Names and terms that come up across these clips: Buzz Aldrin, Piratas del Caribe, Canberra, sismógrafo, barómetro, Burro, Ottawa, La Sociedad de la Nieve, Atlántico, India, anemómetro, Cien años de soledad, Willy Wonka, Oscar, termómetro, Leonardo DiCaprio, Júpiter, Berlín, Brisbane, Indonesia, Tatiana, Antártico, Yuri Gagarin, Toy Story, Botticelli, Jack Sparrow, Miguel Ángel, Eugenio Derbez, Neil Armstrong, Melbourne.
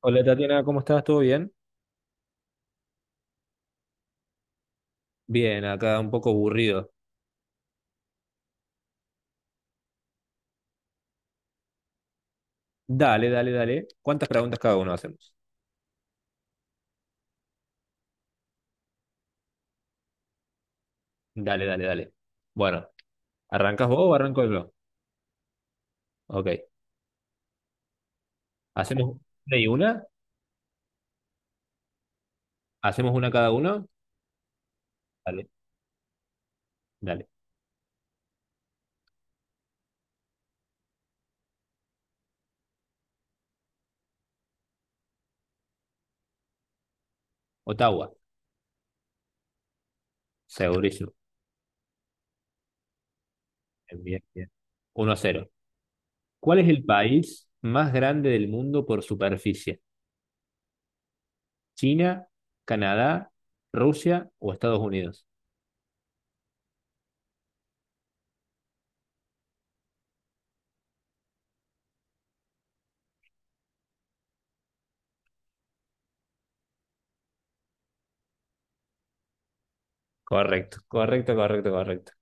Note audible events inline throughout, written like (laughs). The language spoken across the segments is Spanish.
Hola Tatiana, ¿cómo estás? ¿Todo bien? Bien, acá un poco aburrido. Dale, dale, dale. ¿Cuántas preguntas cada uno hacemos? Dale, dale, dale. Bueno, ¿arrancas vos o arranco yo? Ok. ¿Hacemos una y una? ¿Hacemos una cada uno? Dale, dale. Ottawa, segurísimo. Bien, bien, bien. 1 a cero. ¿Cuál es el país más grande del mundo por superficie? ¿China, Canadá, Rusia o Estados Unidos? Correcto, correcto, correcto, correcto.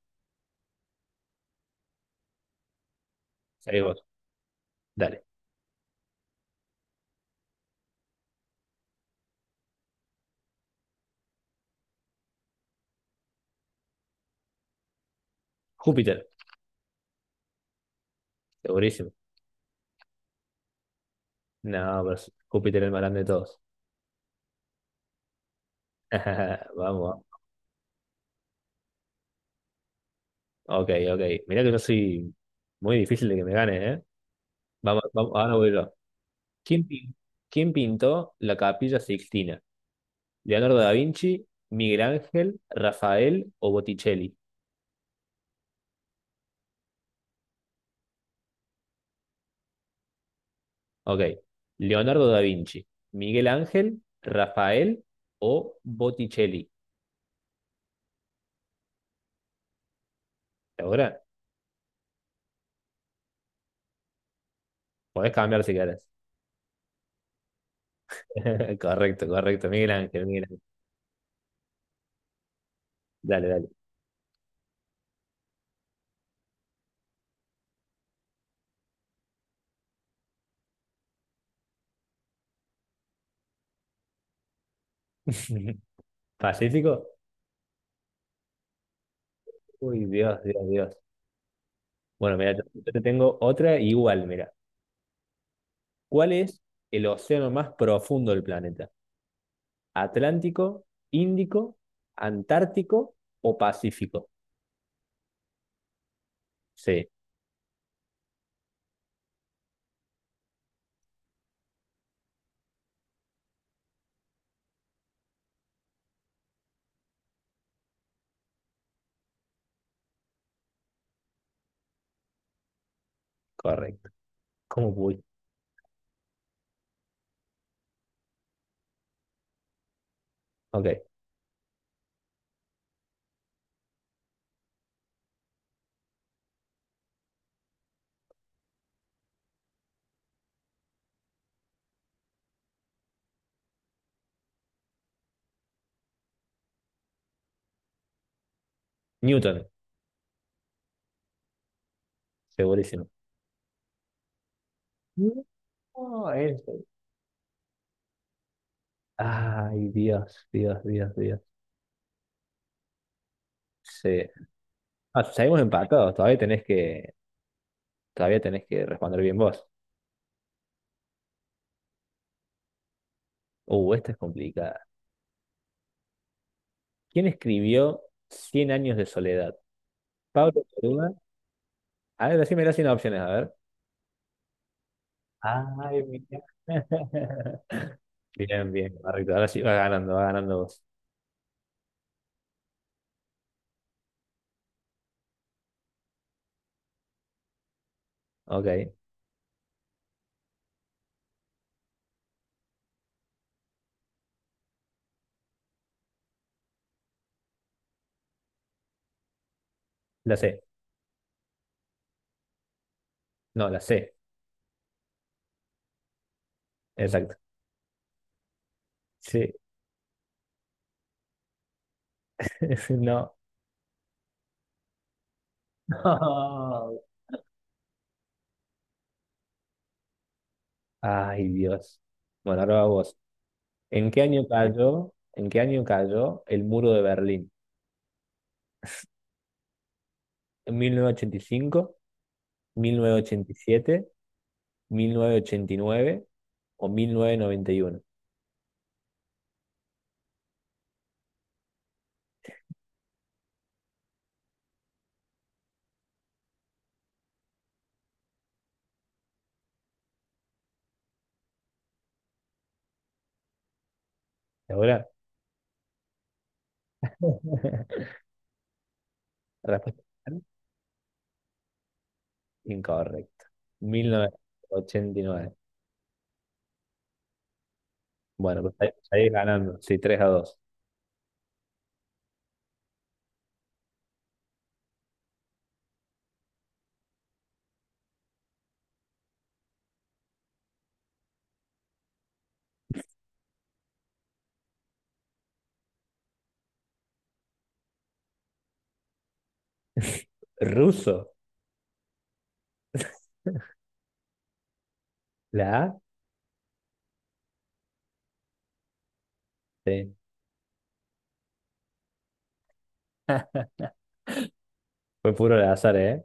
Seguís vos. Dale. Júpiter, segurísimo. No, pero Júpiter es el más grande de todos. (laughs) Vamos, ok, ok. Mirá que yo soy muy difícil de que me gane, ¿eh? Vamos, vamos, ahora voy yo. ¿Quién, pin- quién pintó la Capilla Sixtina? ¿Leonardo da Vinci, Miguel Ángel, Rafael o Botticelli? Ok. Leonardo da Vinci, Miguel Ángel, Rafael o Botticelli. ¿Ahora? Podés cambiar si querés. (laughs) Correcto, correcto. Miguel Ángel, Miguel Ángel. Dale, dale. (laughs) ¿Pacífico? Uy, Dios, Dios, Dios. Bueno, mira, yo te tengo otra igual, mira. ¿Cuál es el océano más profundo del planeta? ¿Atlántico, Índico, Antártico o Pacífico? Sí, correcto. ¿Cómo voy? Ok. Newton, segurísimo. No, eso. Ay, Dios, Dios, Dios, Dios. Sí. Ah, seguimos empatados. Todavía tenés que responder bien vos. Esta es complicada. ¿Quién escribió Cien años de soledad? Pablo Neruda. A ver, decímela sin opciones, a ver. Ay, mira. (laughs) Bien, bien, correcto. Ahora sí, va ganando vos. Ok, la C. No, la C. Exacto. Sí, (laughs) no. No. Ay, Dios. Bueno, ahora va vos. ¿ en qué año cayó el muro de Berlín? ¿En 1985, 1987, 1989 o 1991? ¿Segura? (laughs) Respuesta incorrecta. 1989. Bueno, pues ahí, ahí ganando. Sí, tres a dos. Ruso. La A. Sí. (laughs) Fue puro al azar, ¿eh?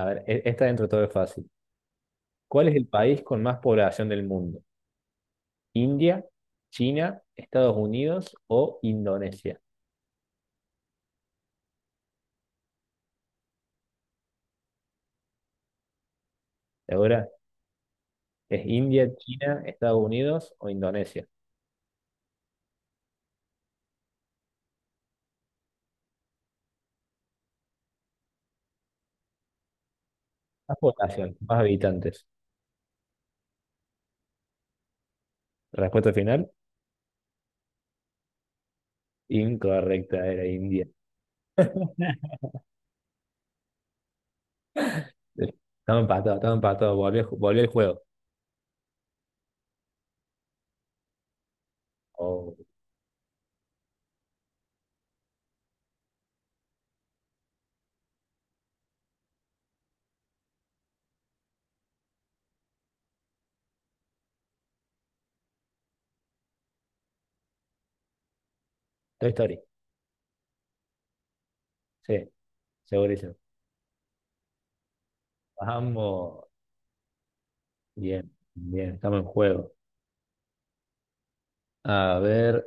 A ver, esta dentro de todo es fácil. ¿Cuál es el país con más población del mundo? ¿India, China, Estados Unidos o Indonesia? ¿Segura? ¿Es India, China, Estados Unidos o Indonesia? Más población, más habitantes. Respuesta final, incorrecta, era India. Estaba empatado, estaba empatado. Volvió, volvió el juego. Oh, Toy Story. Sí, segurísimo. Vamos. Bien, bien, estamos en juego. A ver,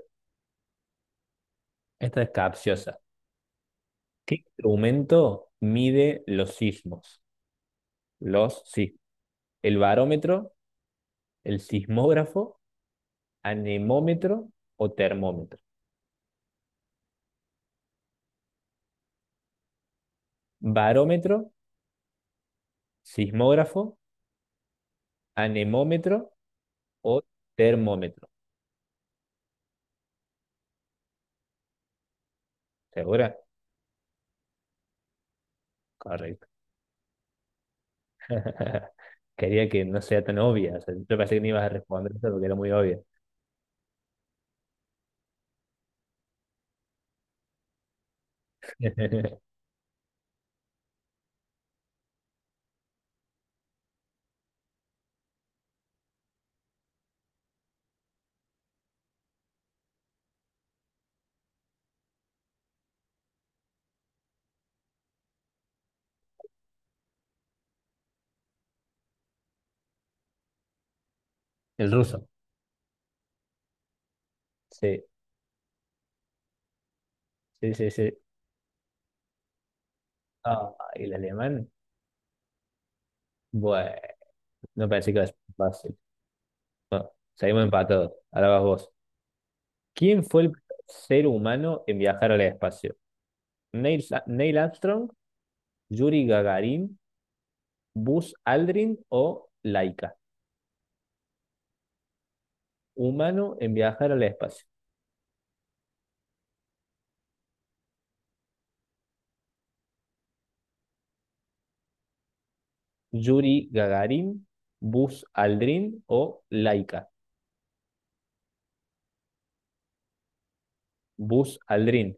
esta es capciosa. ¿Qué instrumento mide los sismos? Los sismos. ¿El barómetro, el sismógrafo, anemómetro o termómetro? Barómetro, sismógrafo, anemómetro o termómetro. ¿Segura? Correcto. (laughs) Quería que no sea tan obvia. O sea, yo pensé que no ibas a responder eso porque era muy obvia. (laughs) El ruso. Sí, sí, sí, sí. Ah, ¿y el alemán? Bueno. No parece que es fácil. Bueno, seguimos empatados. Ahora vas vos. ¿Quién fue el ser humano en viajar al espacio? ¿ Neil Armstrong, Yuri Gagarin, Buzz Aldrin o Laika? Humano en viajar al espacio. Yuri Gagarin, Buzz Aldrin o Laika. Buzz Aldrin.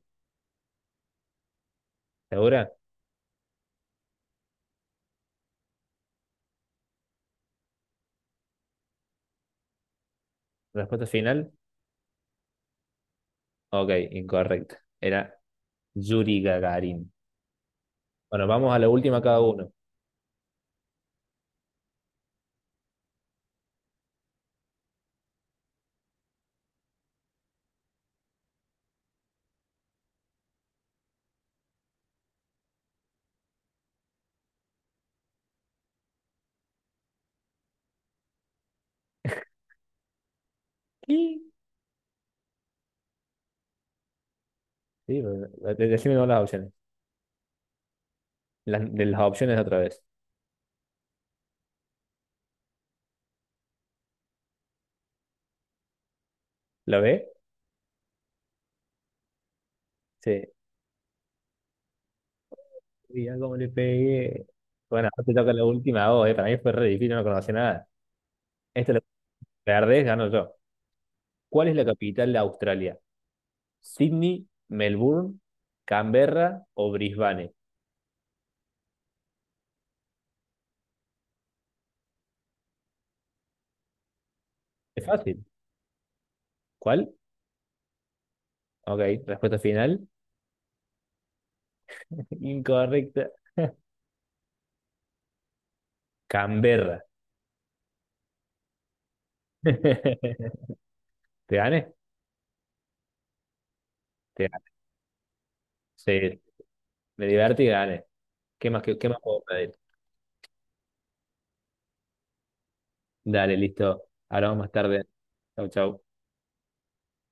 ¿Segura? Respuesta final. Ok, incorrecta. Era Yuri Gagarin. Bueno, vamos a la última cada uno. ¿Qué? Sí, pero decime todas las opciones. Las, de las opciones otra vez. ¿Lo ve? Sí. Mira cómo le pegué. Bueno, ahora te toca la última a vos, eh. Para mí fue re difícil, no conocía nada. Esta la perdés, gano yo. ¿Cuál es la capital de Australia? ¿Sydney, Melbourne, Canberra o Brisbane? Es fácil. ¿Cuál? Ok, respuesta final. Incorrecta. Canberra. (laughs) ¿Te gané? Te gané. Sí, me divertí y gané. ¿ qué más puedo pedir? Dale, listo. Hablamos más tarde. Chau, chau.